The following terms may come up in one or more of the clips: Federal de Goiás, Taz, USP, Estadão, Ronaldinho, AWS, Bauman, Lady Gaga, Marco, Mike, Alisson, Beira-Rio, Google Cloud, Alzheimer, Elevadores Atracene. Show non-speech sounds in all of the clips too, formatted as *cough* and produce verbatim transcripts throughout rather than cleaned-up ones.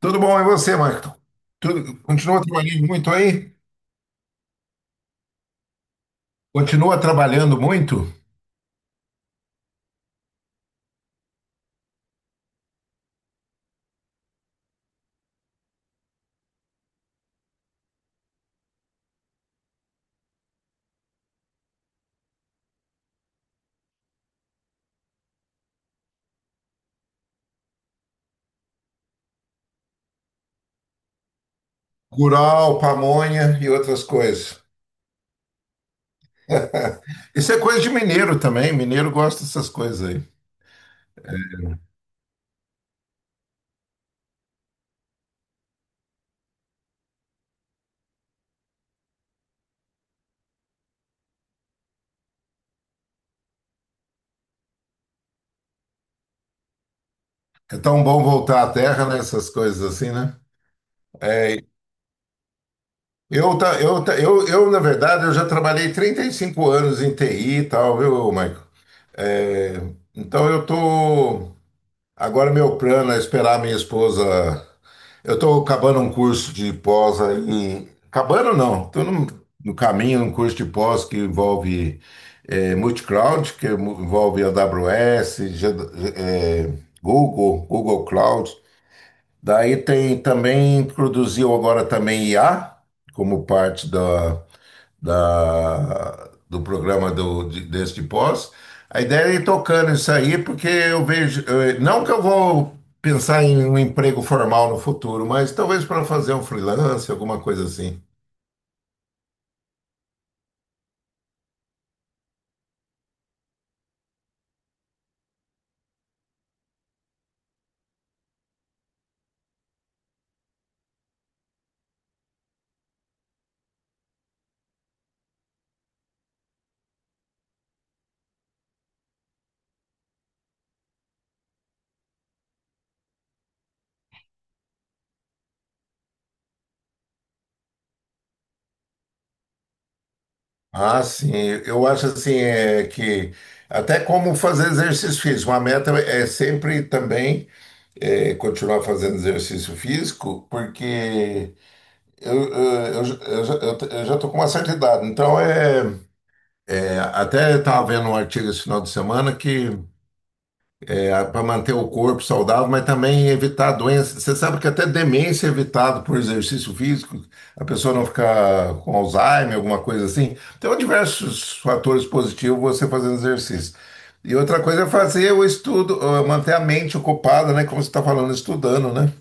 Tudo bom, e você, Marco? Tudo, continua trabalhando muito aí? Continua trabalhando muito? Curau, pamonha e outras coisas. *laughs* Isso é coisa de mineiro também. Mineiro gosta dessas coisas aí. É tão bom voltar à terra, né? Essas coisas assim, né? Eu, tá, eu, tá, eu, eu, na verdade, eu já trabalhei trinta e cinco anos em T I e tal, viu, Marco? É, então eu tô. Agora meu plano é esperar minha esposa Eu estou acabando um curso de pós aí. Acabando não, estou no, no caminho, um curso de pós que envolve eh, multi-cloud, que mu- envolve A W S, G- D eh, Google, Google, Cloud. Daí tem também, produziu agora também I A, como parte da da, do, programa do, de- deste pós. A ideia é ir tocando isso aí, porque eu vejo, eh, não que eu vou pensar em um emprego formal no futuro, mas talvez para fazer um freelance, alguma coisa assim. Ah, sim, eu acho assim é que até como fazer exercício físico, uma meta é sempre também é, continuar fazendo exercício físico, porque eu, eu, eu, já- eu, já eu com uma certa idade. Então é É, até estava vendo um artigo esse final de semana que é para manter o corpo saudável, mas também evitar doenças. Você sabe que até demência é evitado por exercício físico, a pessoa não ficar com Alzheimer, alguma coisa assim. Então, diversos fatores positivos você fazendo exercício. E outra coisa é fazer o estudo, eh, manter a mente ocupada, né? Como você está falando, estudando, né?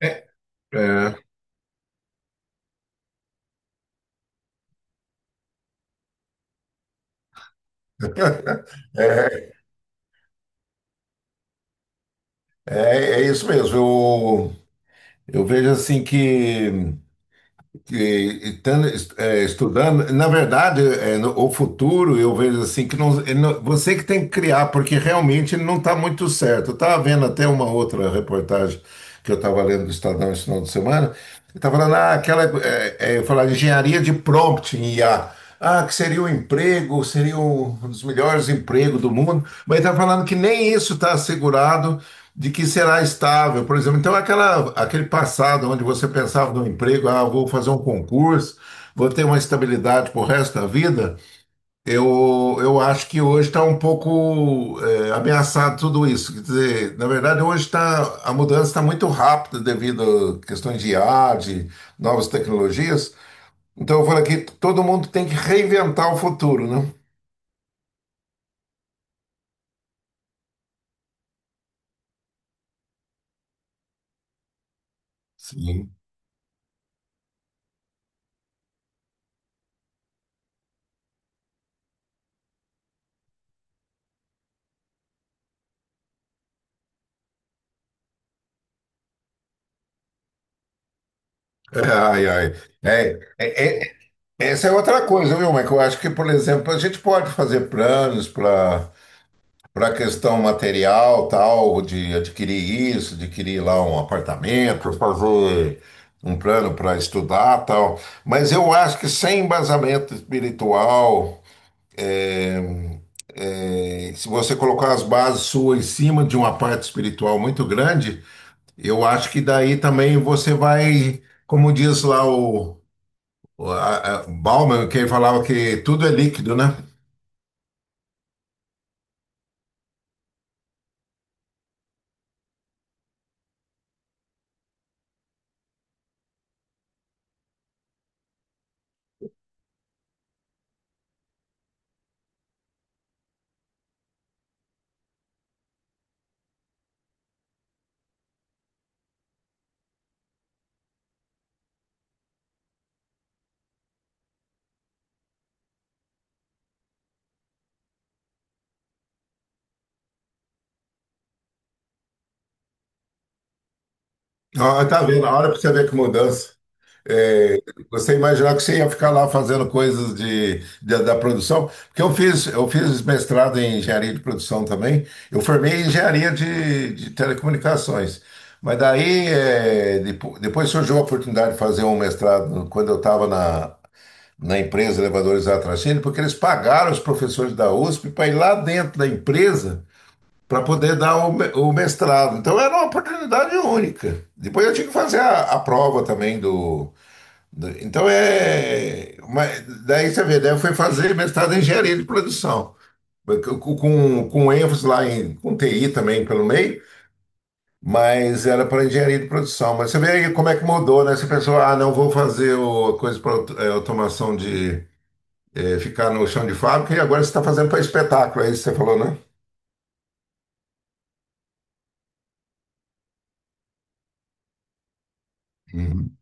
É, é, *laughs* é, é é isso mesmo. Eu, eu vejo assim que que estando, é, estudando, na verdade, é, no- o futuro eu vejo assim que não, ele não- você que tem que criar, porque realmente não está muito certo. Eu estava vendo até uma outra reportagem que eu estava lendo do Estadão esse final de semana, estava falando ah, aquela é, é, falar engenharia de prompt em I A. Ah, que seria o emprego, seria um dos melhores empregos do mundo, mas está falando que nem isso está assegurado de que será estável, por exemplo. Então, aquela, aquele passado onde você pensava no emprego, ah, vou fazer um concurso, vou ter uma estabilidade para o resto da vida, eu, eu acho que hoje está um pouco eh, ameaçado tudo isso. Quer dizer, na verdade, hoje está a mudança está muito rápida devido a questões de I A, de novas tecnologias. Então eu falo aqui, todo mundo tem que reinventar o futuro, né? Sim. Ai, ai. É, é, é- essa é outra coisa, viu, Mas Eu acho que, por exemplo, a gente pode fazer planos para para a questão material, tal, de adquirir isso, adquirir lá um apartamento, fazer um plano para estudar, tal. Mas eu acho que sem embasamento espiritual, eh, se você colocar as bases suas em cima de uma parte espiritual muito grande, Eu acho que daí também você vai, como diz lá o, o a, a Bauman, que ele falava que tudo é líquido, né? Ó, tá vendo? A hora pra você ver que mudança. É, você imaginar que você ia ficar lá fazendo coisas de, de- da produção, porque eu fiz, eu fiz mestrado em engenharia de produção também, eu formei em engenharia de, de telecomunicações, mas daí é, depo- depois surgiu a oportunidade de fazer um mestrado quando eu estava na na empresa Elevadores Atracene, porque eles pagaram os professores da USP para ir lá dentro da empresa para poder dar o, mestrado. Então era uma oportunidade única. Depois eu tinha que fazer a, a prova também do, do- Então é. uma- daí você vê, daí eu fui fazer mestrado em engenharia de produção, com, com, ênfase lá em com T I também pelo meio. Mas era para engenharia de produção. Mas você vê aí como é que mudou, né? Essa pessoa, ah, não vou fazer o, coisa para automação de, é, ficar no chão de fábrica e agora você está fazendo para espetáculo, é isso que você falou, né? Uhum.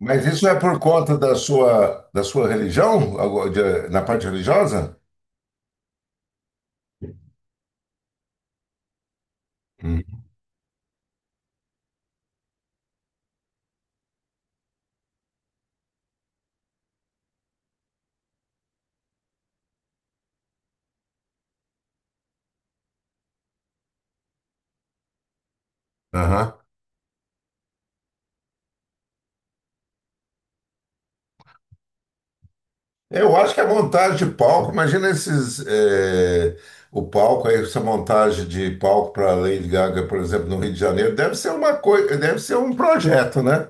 Mas isso é por conta da sua, da sua religião, de, na parte religiosa? Uhum. Uhum. Eu acho que a montagem de palco, imagina esses, é, o palco, aí, essa montagem de palco para Lady Gaga, por exemplo, no Rio de Janeiro, deve ser uma coisa, deve ser um projeto, né?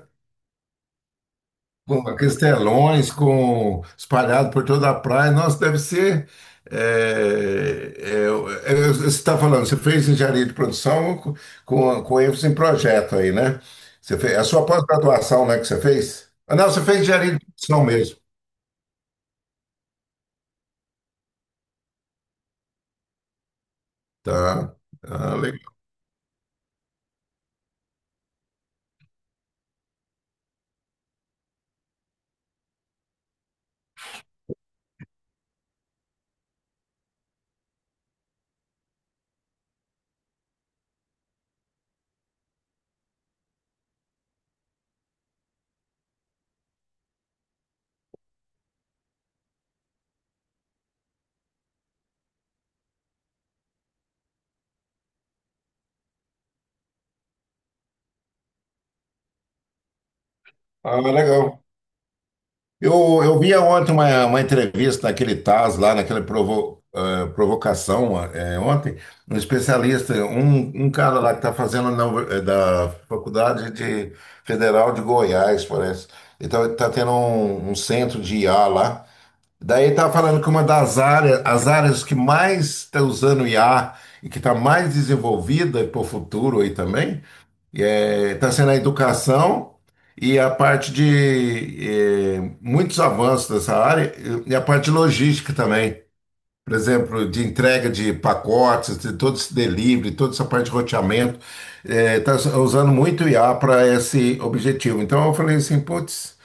Com castelões, com espalhado por toda a praia. Nossa, deve ser. É, é, é, você está falando, você fez engenharia de produção com, com com ênfase em projeto aí, né? Você fez, é a sua pós-graduação, né, que você fez? Ah, não, você fez engenharia de produção mesmo. Tá. Ah, legal. Ah, legal. Eu, eu via ontem uma, uma entrevista naquele Taz, lá naquela provo- eh, provocação, eh, ontem, um especialista, um, um cara lá que está fazendo na, Uni- eh, da Faculdade de, Federal de Goiás, parece. Então, ele está tendo um, um, centro de I A lá. Daí está falando que uma das áreas, as áreas que mais está usando I A e que está mais desenvolvida para o futuro aí também, está sendo a educação e a parte de eh, muitos avanços dessa área e a parte de logística também. Por exemplo, de entrega de pacotes, de todo esse delivery, toda essa parte de roteamento. Está usando muito o I A para esse objetivo. Então eu falei assim, putz,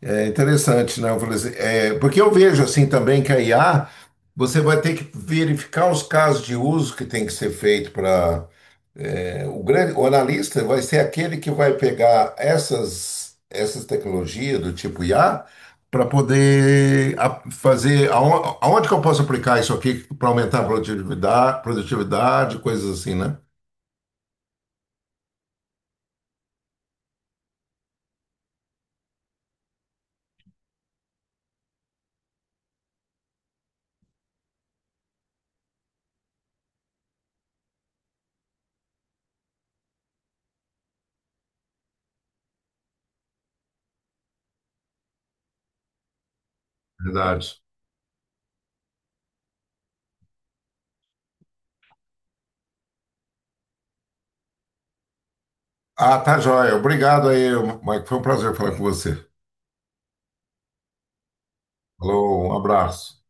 é interessante, né? Eu falei assim, eh, porque eu vejo assim também que a I A, você vai ter que verificar os casos de uso que tem que ser feito para o grande, o analista vai ser aquele que vai pegar essas, essas tecnologias do tipo I A para poder a- fazer aon- aonde, que eu posso aplicar isso aqui para aumentar a produtividade, produtividade, coisas assim, né? Verdade. Ah, tá joia. Obrigado aí, Mike. Foi um prazer falar com você. Falou, um abraço.